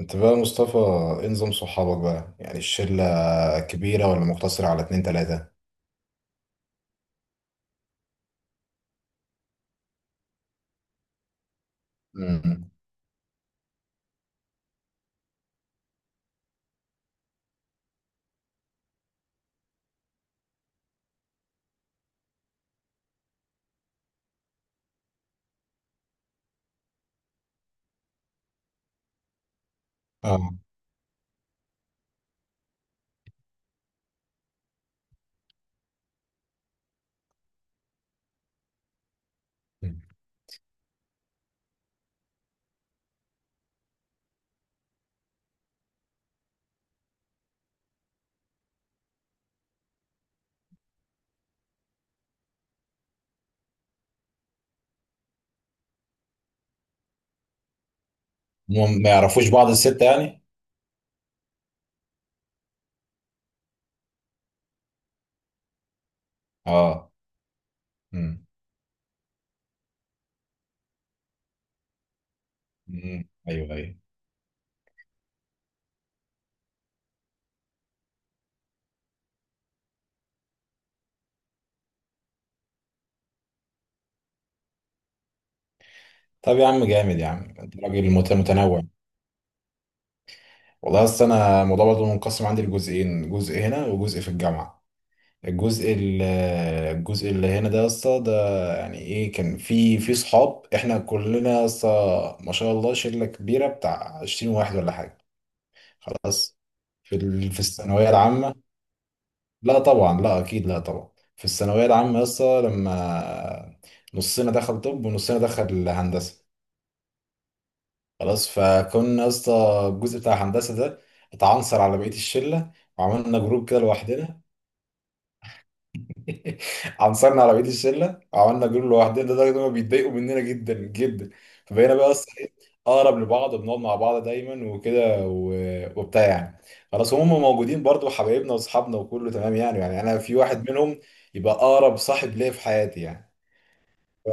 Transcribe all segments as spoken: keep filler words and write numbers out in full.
انت بقى يا مصطفى، ايه نظام صحابك بقى؟ يعني الشلة كبيرة ولا مقتصرة على اتنين تلاتة؟ امم اه هم ما يعرفوش بعض الستة يعني؟ اه. امم امم ايوه ايوه. طب يا عم جامد، يا عم انت راجل مت- متنوع. والله اصل انا الموضوع برضه منقسم عندي لجزئين، جزء هنا وجزء في الجامعة. الجزء ال- الجزء اللي هنا ده يا اسطى ده يعني ايه، كان في في صحاب احنا كلنا يا اسطى ما شاء الله شلة كبيرة بتاع عشرين واحد ولا حاجة. خلاص. في ال- في الثانوية العامة لا طبعا، لا أكيد لا طبعا. في الثانوية العامة يسطا لما نصنا دخل طب ونصنا دخل هندسة، خلاص فكنا يسطا الجزء بتاع هندسة ده اتعنصر على بقية الشلة وعملنا جروب كده لوحدنا. عنصرنا على بقيه الشله وعملنا جروب لوحدنا لدرجه ان هم بيتضايقوا مننا جدا جدا. فبقينا بقى اصلا إيه، اقرب لبعض وبنقعد مع بعض دايما وكده و- وبتاع يعني. خلاص هم موجودين برضو حبايبنا واصحابنا وكله تمام يعني، يعني انا في واحد منهم يبقى اقرب صاحب ليا في حياتي يعني. ف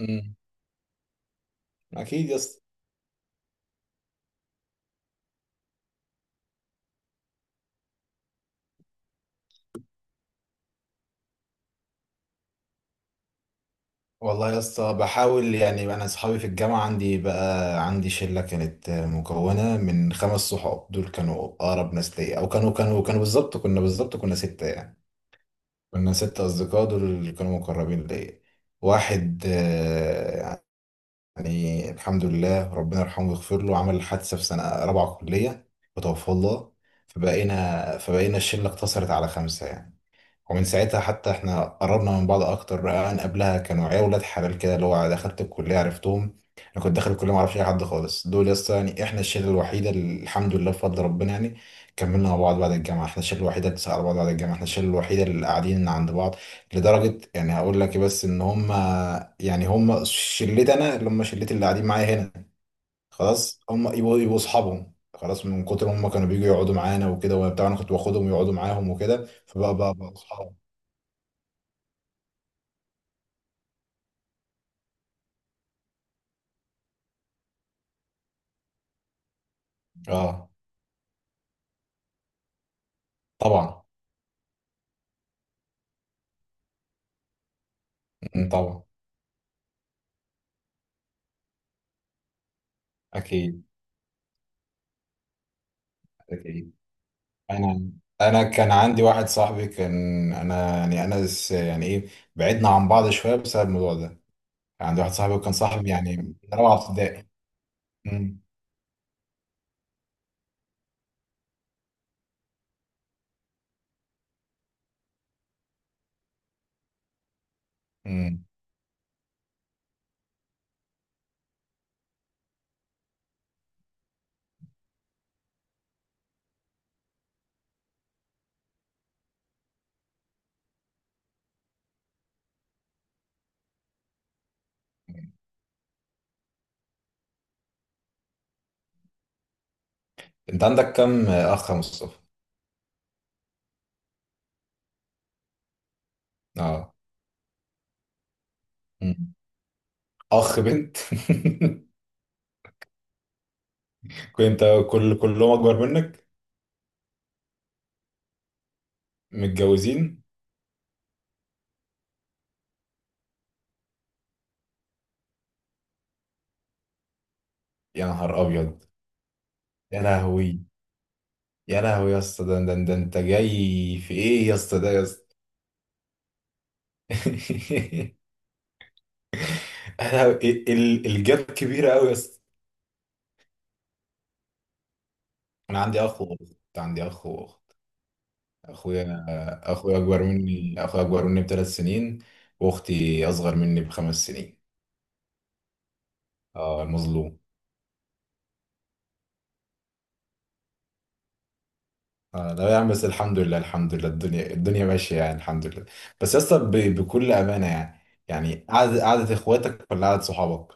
مم. اكيد يس. والله يا اسطى بحاول يعني. انا اصحابي في الجامعه عندي بقى عندي شله كانت مكونه من خمس صحاب، دول كانوا اقرب ناس ليا، او كانوا كانوا كانوا بالظبط، كنا بالظبط كنا سته يعني. كنا سته اصدقاء دول اللي كانوا مقربين ليا. واحد آه، يعني الحمد لله ربنا يرحمه ويغفر له، عمل حادثه في سنه رابعه كليه وتوفى الله. فبقينا فبقينا الشله اقتصرت على خمسه يعني. ومن ساعتها حتى احنا قربنا من بعض اكتر. انا قبلها كانوا عيال ولاد حلال كده، اللي هو دخلت الكليه عرفتهم. انا كنت داخل الكليه ما اعرفش اي حد خالص، دول لسه يعني احنا الشله الوحيده اللي الحمد لله بفضل ربنا يعني كملنا مع بعض بعد الجامعه، احنا الشله الوحيده اللي بتسأل على بعض بعد الجامعه، احنا الشله الوحيده اللي قاعدين عند بعض. لدرجه يعني هقول لك إيه بس، ان هم يعني هم شلتي، انا اللي هم شلتي اللي قاعدين معايا هنا. خلاص هم يبقوا يبقوا اصحابهم، خلاص من كتر ما هم كانوا بييجوا يقعدوا معانا وكده وبتاع، انا كنت باخدهم يقعدوا معاهم وكده فبقى بقى بقى اصحاب. اه طبعا. أمم، طبعا. اكيد اكيد. انا انا كان عندي واحد صاحبي كان، انا يعني انا س- يعني ايه، بعدنا عن بعض شويه بسبب الموضوع ده. كان عندي واحد صاحبي وكان صاحبي يعني من رابعه ابتدائي. أمم، أمم. انت عندك كم اخ يا مصطفى؟ اه. أمم. اخ بنت؟ كنت كل كلهم اكبر منك؟ متجوزين؟ يا نهار ابيض. يا لهوي، يا لهوي يا اسطى، ده ده ده انت جاي في ايه يا اسطى؟ ده يا اسطى. احنا ال- ال- الجاب كبيرة قوي بس. انا عندي اخ واخت، عندي اخ واخت. اخويا اخويا اكبر مني اخويا اكبر مني بثلاث سنين، واختي اصغر مني بخمس سنين. اه المظلوم. اه لا يا عم بس الحمد لله الحمد لله، الدنيا الدنيا ماشية يعني الحمد لله. بس يا اسطى ب- بكل امانة يعني، يعني قعدة قعدة اخواتك ولا قعدة صحابك؟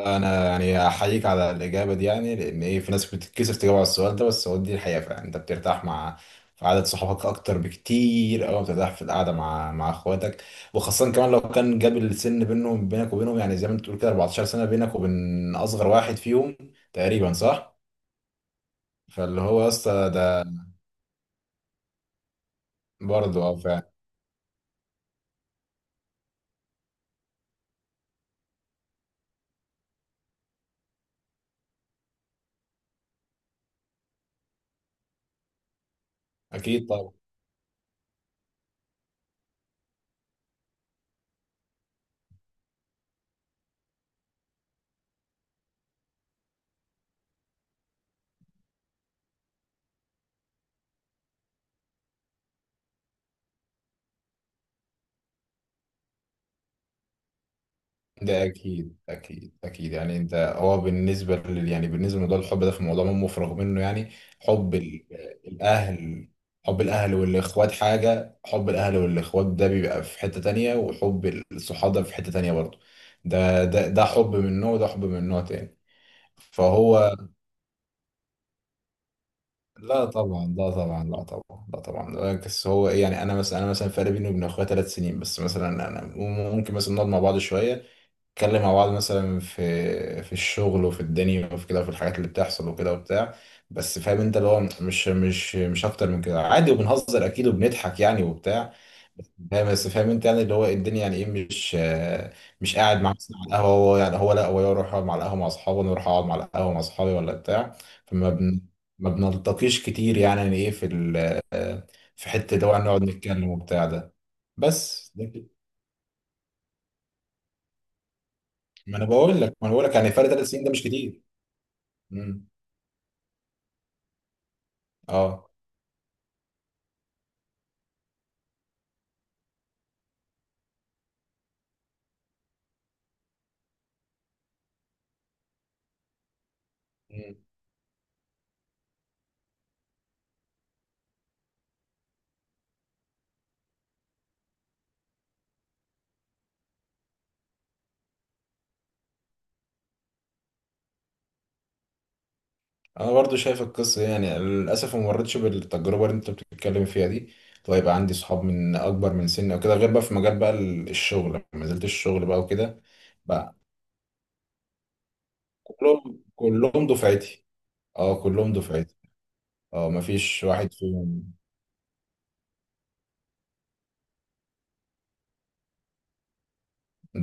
انا يعني احييك على الاجابه دي يعني، لان ايه في ناس بتتكسف تجاوب على السؤال ده، بس هو دي الحقيقه فعلا. انت بترتاح مع في عدد صحابك اكتر بكتير او بترتاح في القعده مع مع اخواتك؟ وخاصه كمان لو كان جاب السن بينهم، بينك وبينهم يعني زي ما انت بتقول كده، اربعتاشر سنه بينك وبين اصغر واحد فيهم تقريبا، صح؟ فاللي هو يا اسطى ده. برضه اه فعلا. اكيد طبعا. ده اكيد اكيد اكيد يعني. انت هو بالنسبه لل يعني بالنسبه لموضوع الحب ده، في موضوع ما مفرغ منه يعني. حب ال- الاهل، حب الاهل والاخوات حاجه، حب الاهل والاخوات ده بيبقى في حته تانية وحب الصحاب ده في حته تانية برضه. ده ده ده حب من نوع وده حب من نوع تاني. فهو لا طبعا لا طبعا لا طبعا لا طبعا. بس هو ايه يعني، انا مثلا انا مثلا فرق بيني وبين اخويا ثلاث سنين بس. مثلا انا ممكن مثلا نقعد مع بعض شويه، نتكلم مع بعض مثلا في في الشغل وفي الدنيا وفي كده وفي الحاجات اللي بتحصل وكده وبتاع. بس فاهم انت اللي هو مش مش مش اكتر من كده عادي، وبنهزر اكيد وبنضحك يعني وبتاع. بس فاهم بس فاهم انت يعني، اللي هو الدنيا يعني ايه مش آه، مش قاعد مع مثلا على القهوه، هو يعني هو لا، هو يروح يقعد مع القهوه مع اصحابه وانا اروح اقعد مع القهوه مع اصحابي ولا بتاع. فما بن ما بنلتقيش كتير يعني، يعني ايه في ال... في حته ده نقعد نتكلم وبتاع ده. بس ده كده. ما انا بقول لك ما انا بقول لك يعني فرق ثلاث سنين ده مش كتير. مم. اه. مم. انا برضو شايف القصه دي، يعني للاسف ما مرتش بالتجربه اللي انت بتتكلم فيها دي، ويبقى عندي صحاب من اكبر من سني او كده، غير بقى في مجال بقى ال- الشغل لما نزلت الشغل بقى وكده. بقى كلهم كلهم دفعتي. اه كلهم دفعتي. اه ما فيش واحد فيهم.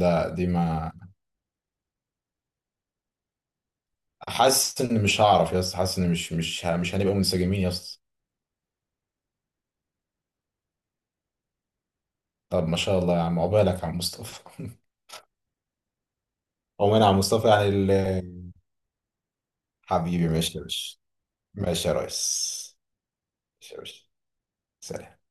ده دي ما حاسس ان مش هعرف يا اسطى، حاسس ان مش مش ه- مش هنبقى منسجمين يا اسطى. طب ما شاء الله يا عم، عقبالك يا عم مصطفى. عقبالك يا عم مصطفى يعني ال- حبيبي. ماشي يا باشا، ماشي يا ريس، ماشي يا باشا، سلام.